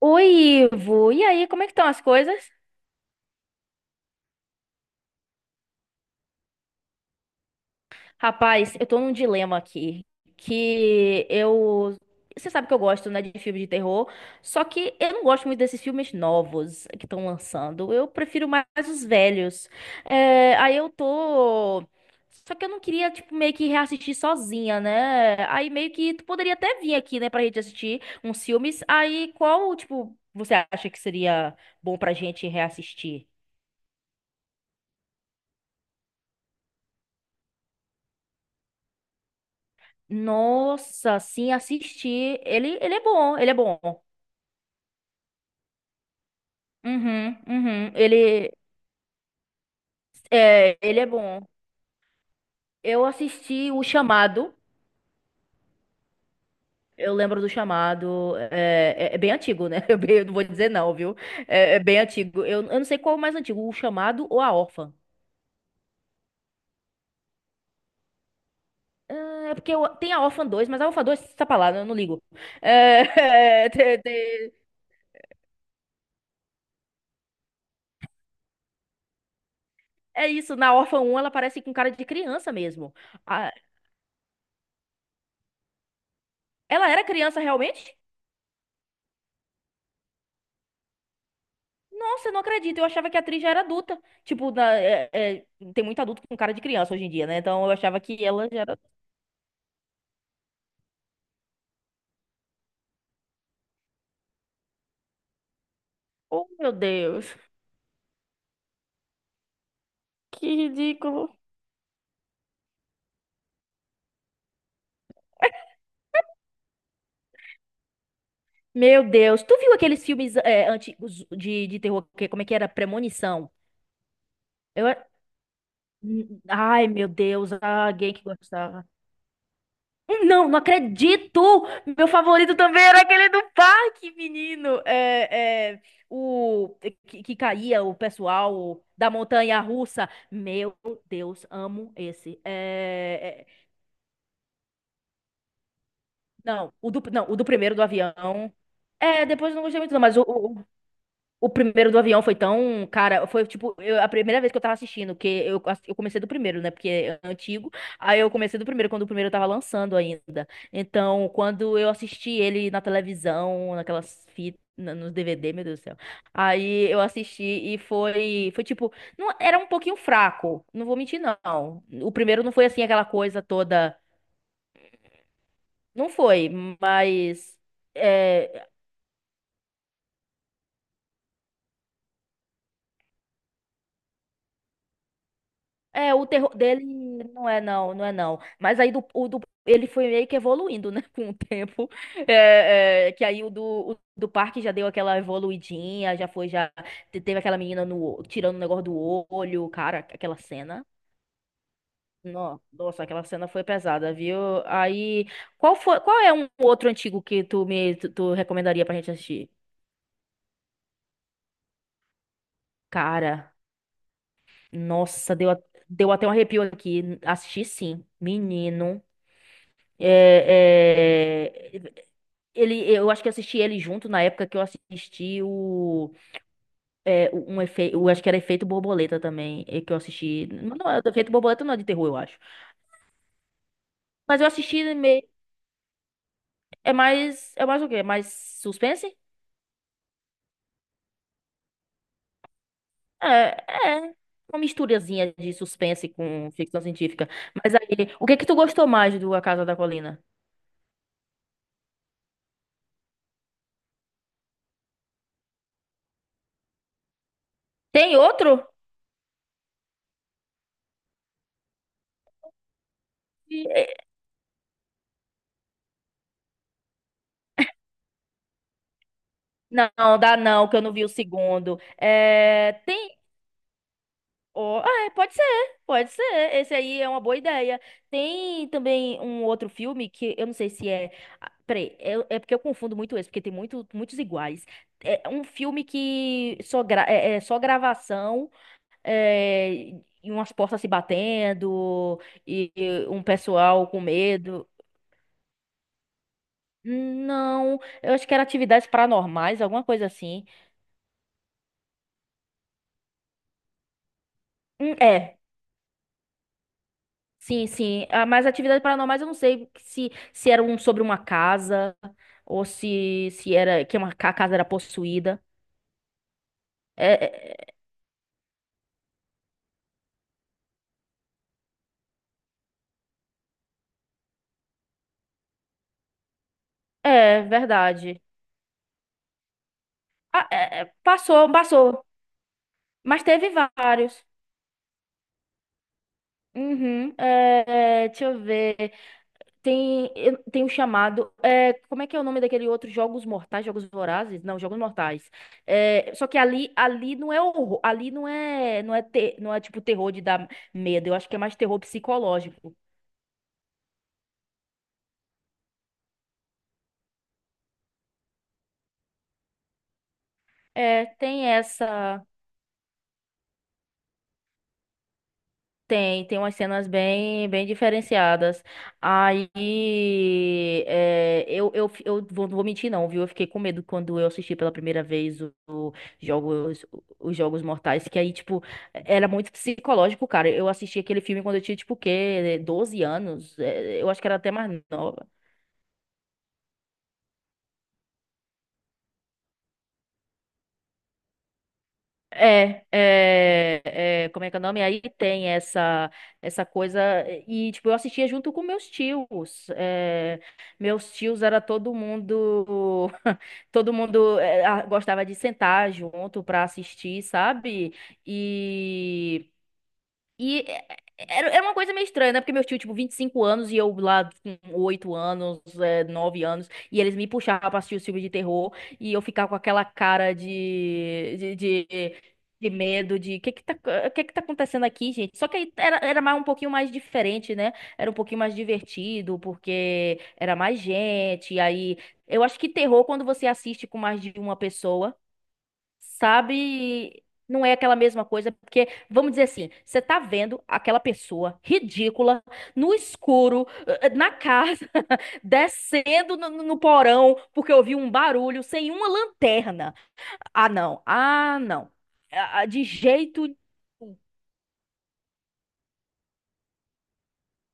Oi, Ivo. E aí, como é que estão as coisas? Rapaz, eu tô num dilema aqui, que eu... você sabe que eu gosto, né, de filme de terror, só que eu não gosto muito desses filmes novos que estão lançando. Eu prefiro mais os velhos. É, aí eu tô... Só que eu não queria, tipo, meio que reassistir sozinha, né? Aí meio que tu poderia até vir aqui, né, pra gente assistir uns filmes. Aí qual, tipo, você acha que seria bom pra gente reassistir? Nossa, sim, assisti. Ele é bom, ele é bom. Uhum, uhum. Ele é bom. Eu assisti O Chamado. Eu lembro do Chamado. É bem antigo, né? Eu não vou dizer não, viu? É bem antigo. Eu não sei qual é o mais antigo, O Chamado ou A Órfã. É, tem a Órfã dois, mas a Órfã 2 tá pra lá, né? Eu não ligo. É, é, te- te- é isso, na Órfã um ela parece com cara de criança mesmo. ah Ela era criança realmente? Nossa, eu não acredito. Eu achava que a atriz já era adulta. Tipo, tem muito adulto com cara de criança hoje em dia, né? Então eu achava que ela já era. Oh, meu Deus. Que ridículo. Meu Deus. Tu viu aqueles filmes antigos de terror? Como é que era? Premonição. Eu... Ai, meu Deus. Ah, alguém que gostava. Não, não acredito! Meu favorito também era aquele do parque, menino. O que caía o pessoal da montanha russa. Meu Deus, amo esse. Não, o do, não, o do primeiro do avião. É, depois eu não gostei muito, não, o primeiro do avião foi tão, cara, foi tipo, a primeira vez que eu tava assistindo, que eu comecei do primeiro, né, porque é antigo, aí eu comecei do primeiro, quando o primeiro tava lançando ainda, então, quando eu assisti ele na televisão, naquelas fitas, nos DVD, meu Deus do céu, aí eu assisti e foi tipo, não, era um pouquinho fraco, não vou mentir não, o primeiro não foi assim aquela coisa toda, não foi, mas... é, o terror dele não é não, não é não. Mas aí ele foi meio que evoluindo, né, com o tempo. Que aí o do parque já deu aquela evoluidinha, já foi, já teve aquela menina no, o- tirando o negócio do olho, cara, aquela cena. Nossa, aquela cena foi pesada, viu? Aí, qual é um outro antigo que tu recomendaria pra gente assistir? Cara, nossa, deu até um arrepio aqui. Assisti sim, menino. É, é, ele, eu acho que assisti ele junto na época que eu assisti um efeito, eu acho que era Efeito Borboleta também, que eu assisti, não, não, Efeito Borboleta não é de terror, eu acho. Mas eu assisti meio, é mais o quê? É mais suspense? É, é uma misturazinha de suspense com ficção científica. Mas aí, o que que tu gostou mais do A Casa da Colina? Tem outro? E- Não, dá não, que eu não vi o segundo. É, tem. Oh, ah, pode ser, pode ser. Esse aí é uma boa ideia. Tem também um outro filme que eu não sei se é. Peraí, é porque eu confundo muito esse, porque tem muitos iguais. É um filme que é só gravação, é, e umas portas se batendo, e um pessoal com medo. Não, eu acho que era atividades paranormais, alguma coisa assim. Hum, É, Sim, sim. Ah, mas atividades paranormais eu não sei se era um sobre uma casa ou se era que a casa era possuída. É, é verdade. Ah, passou, passou. Mas teve vários. Uhum, deixa eu ver. Tem, tem um chamado. Como é que é o nome daquele outro? Jogos Mortais, Jogos Vorazes? Não, Jogos Mortais. É, só que ali não é horror, ali não é tipo terror de dar medo. Eu acho que é mais terror psicológico. É, tem essa. Tem umas cenas bem, bem diferenciadas. Aí, eu vou, não vou mentir não, viu? Eu fiquei com medo quando eu assisti pela primeira vez jogos, os Jogos Mortais, que aí, tipo, era muito psicológico, cara. Eu assisti aquele filme quando eu tinha, tipo, o quê? 12 anos? Eu acho que era até mais nova. É, é, como é que é o nome? Aí tem essa coisa e tipo eu assistia junto com meus tios. Meus tios era todo mundo todo mundo gostava de sentar junto pra assistir, sabe? E e era uma coisa meio estranha, né? Porque meu tio, tipo, 25 anos e eu lá com 8 anos, 9 anos, e eles me puxavam pra assistir os filmes de terror e eu ficava com aquela cara de medo, de que tá, o que que tá acontecendo aqui, gente? Só que aí era, mais, um pouquinho mais diferente, né? Era um pouquinho mais divertido, porque era mais gente, e aí. Eu acho que terror, quando você assiste com mais de uma pessoa, sabe? Não é aquela mesma coisa, porque, vamos dizer assim, você tá vendo aquela pessoa ridícula, no escuro, na casa, descendo no porão, porque ouviu um barulho, sem uma lanterna. Ah, não. Ah, não. Ah, ah, de jeito.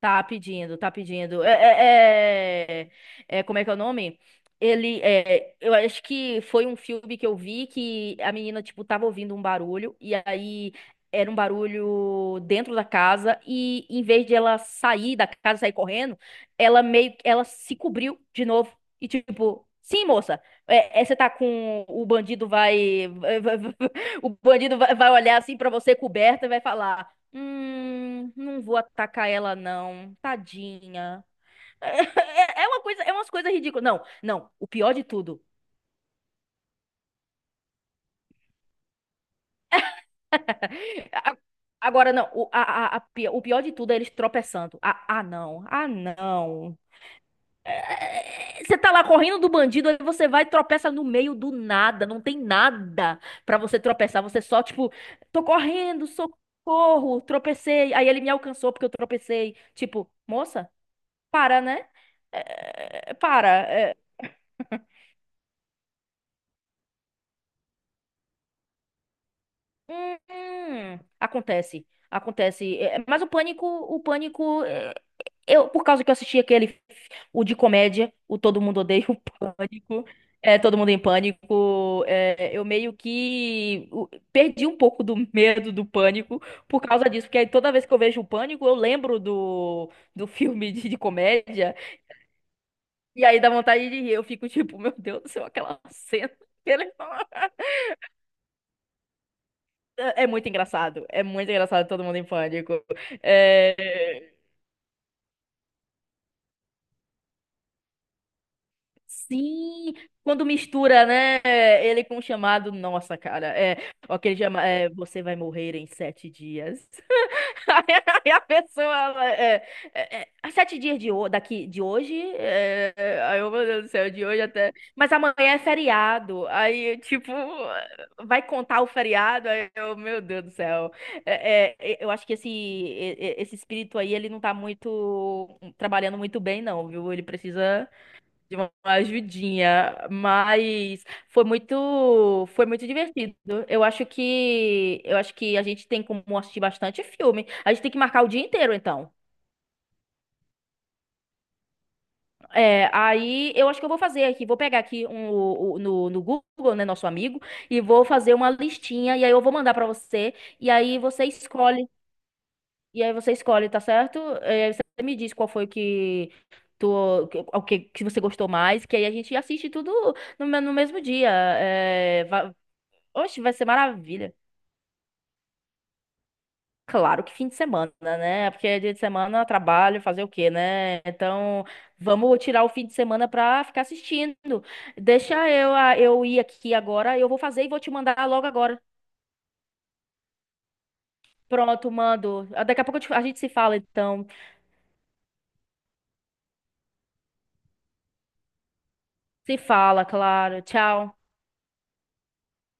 Tá pedindo, tá pedindo. Como é que é o nome? Eu acho que foi um filme que eu vi que a menina, tipo, tava ouvindo um barulho e aí era um barulho dentro da casa e em vez de ela sair da casa, sair correndo, ela meio, ela se cobriu de novo e tipo, sim, moça, você tá com, o bandido vai, o bandido vai olhar assim pra você coberta e vai falar, hum, não vou atacar ela, não. Tadinha. É umas coisas ridículas. Não, não. O pior de tudo. a- Agora, não. O, a pi- o pior de tudo é eles tropeçando. Ah, ah, não. Ah, não. Você tá lá correndo do bandido, aí você vai e tropeça no meio do nada. Não tem nada pra você tropeçar. Você só, tipo, tô correndo, socorro, tropecei. Aí ele me alcançou porque eu tropecei. Tipo, moça, para, né? Para. Acontece, acontece. Mas o pânico, eu por causa que eu assisti aquele, o de comédia, o Todo Mundo Odeia o Pânico, é Todo Mundo em Pânico, eu meio que perdi um pouco do medo do pânico por causa disso, porque aí toda vez que eu vejo o pânico, eu lembro do filme de comédia e aí dá vontade de rir. Eu fico tipo, meu Deus do céu, aquela cena. É muito engraçado. É muito engraçado todo mundo em pânico. É, Sim, quando mistura, né? Ele com o Chamado. Nossa, cara. Aquele você vai morrer em 7 dias. Aí a pessoa, ela, há 7 dias daqui, de hoje, aí eu, meu Deus do céu, de hoje até, mas amanhã é feriado, aí, tipo, vai contar o feriado, aí eu, meu Deus do céu, eu acho que esse, esse espírito aí, ele não tá muito, trabalhando muito bem não, viu, ele precisa de uma ajudinha, mas foi muito divertido. Eu acho que a gente tem como assistir bastante filme. A gente tem que marcar o dia inteiro, então. Aí eu acho que eu vou fazer aqui, vou pegar aqui no Google, né, nosso amigo, e vou fazer uma listinha e aí eu vou mandar pra você e aí você escolhe. E aí você escolhe, tá certo? E aí você me diz qual foi que o que você gostou mais, que aí a gente assiste tudo no mesmo dia. Oxe, vai ser maravilha. Claro que fim de semana, né? Porque dia de semana eu trabalho, fazer o quê, né? Então, vamos tirar o fim de semana pra ficar assistindo. Deixa eu ir aqui agora, eu vou fazer e vou te mandar logo agora. Pronto, mando. Daqui a pouco a gente se fala, então. Se fala, claro. Tchau.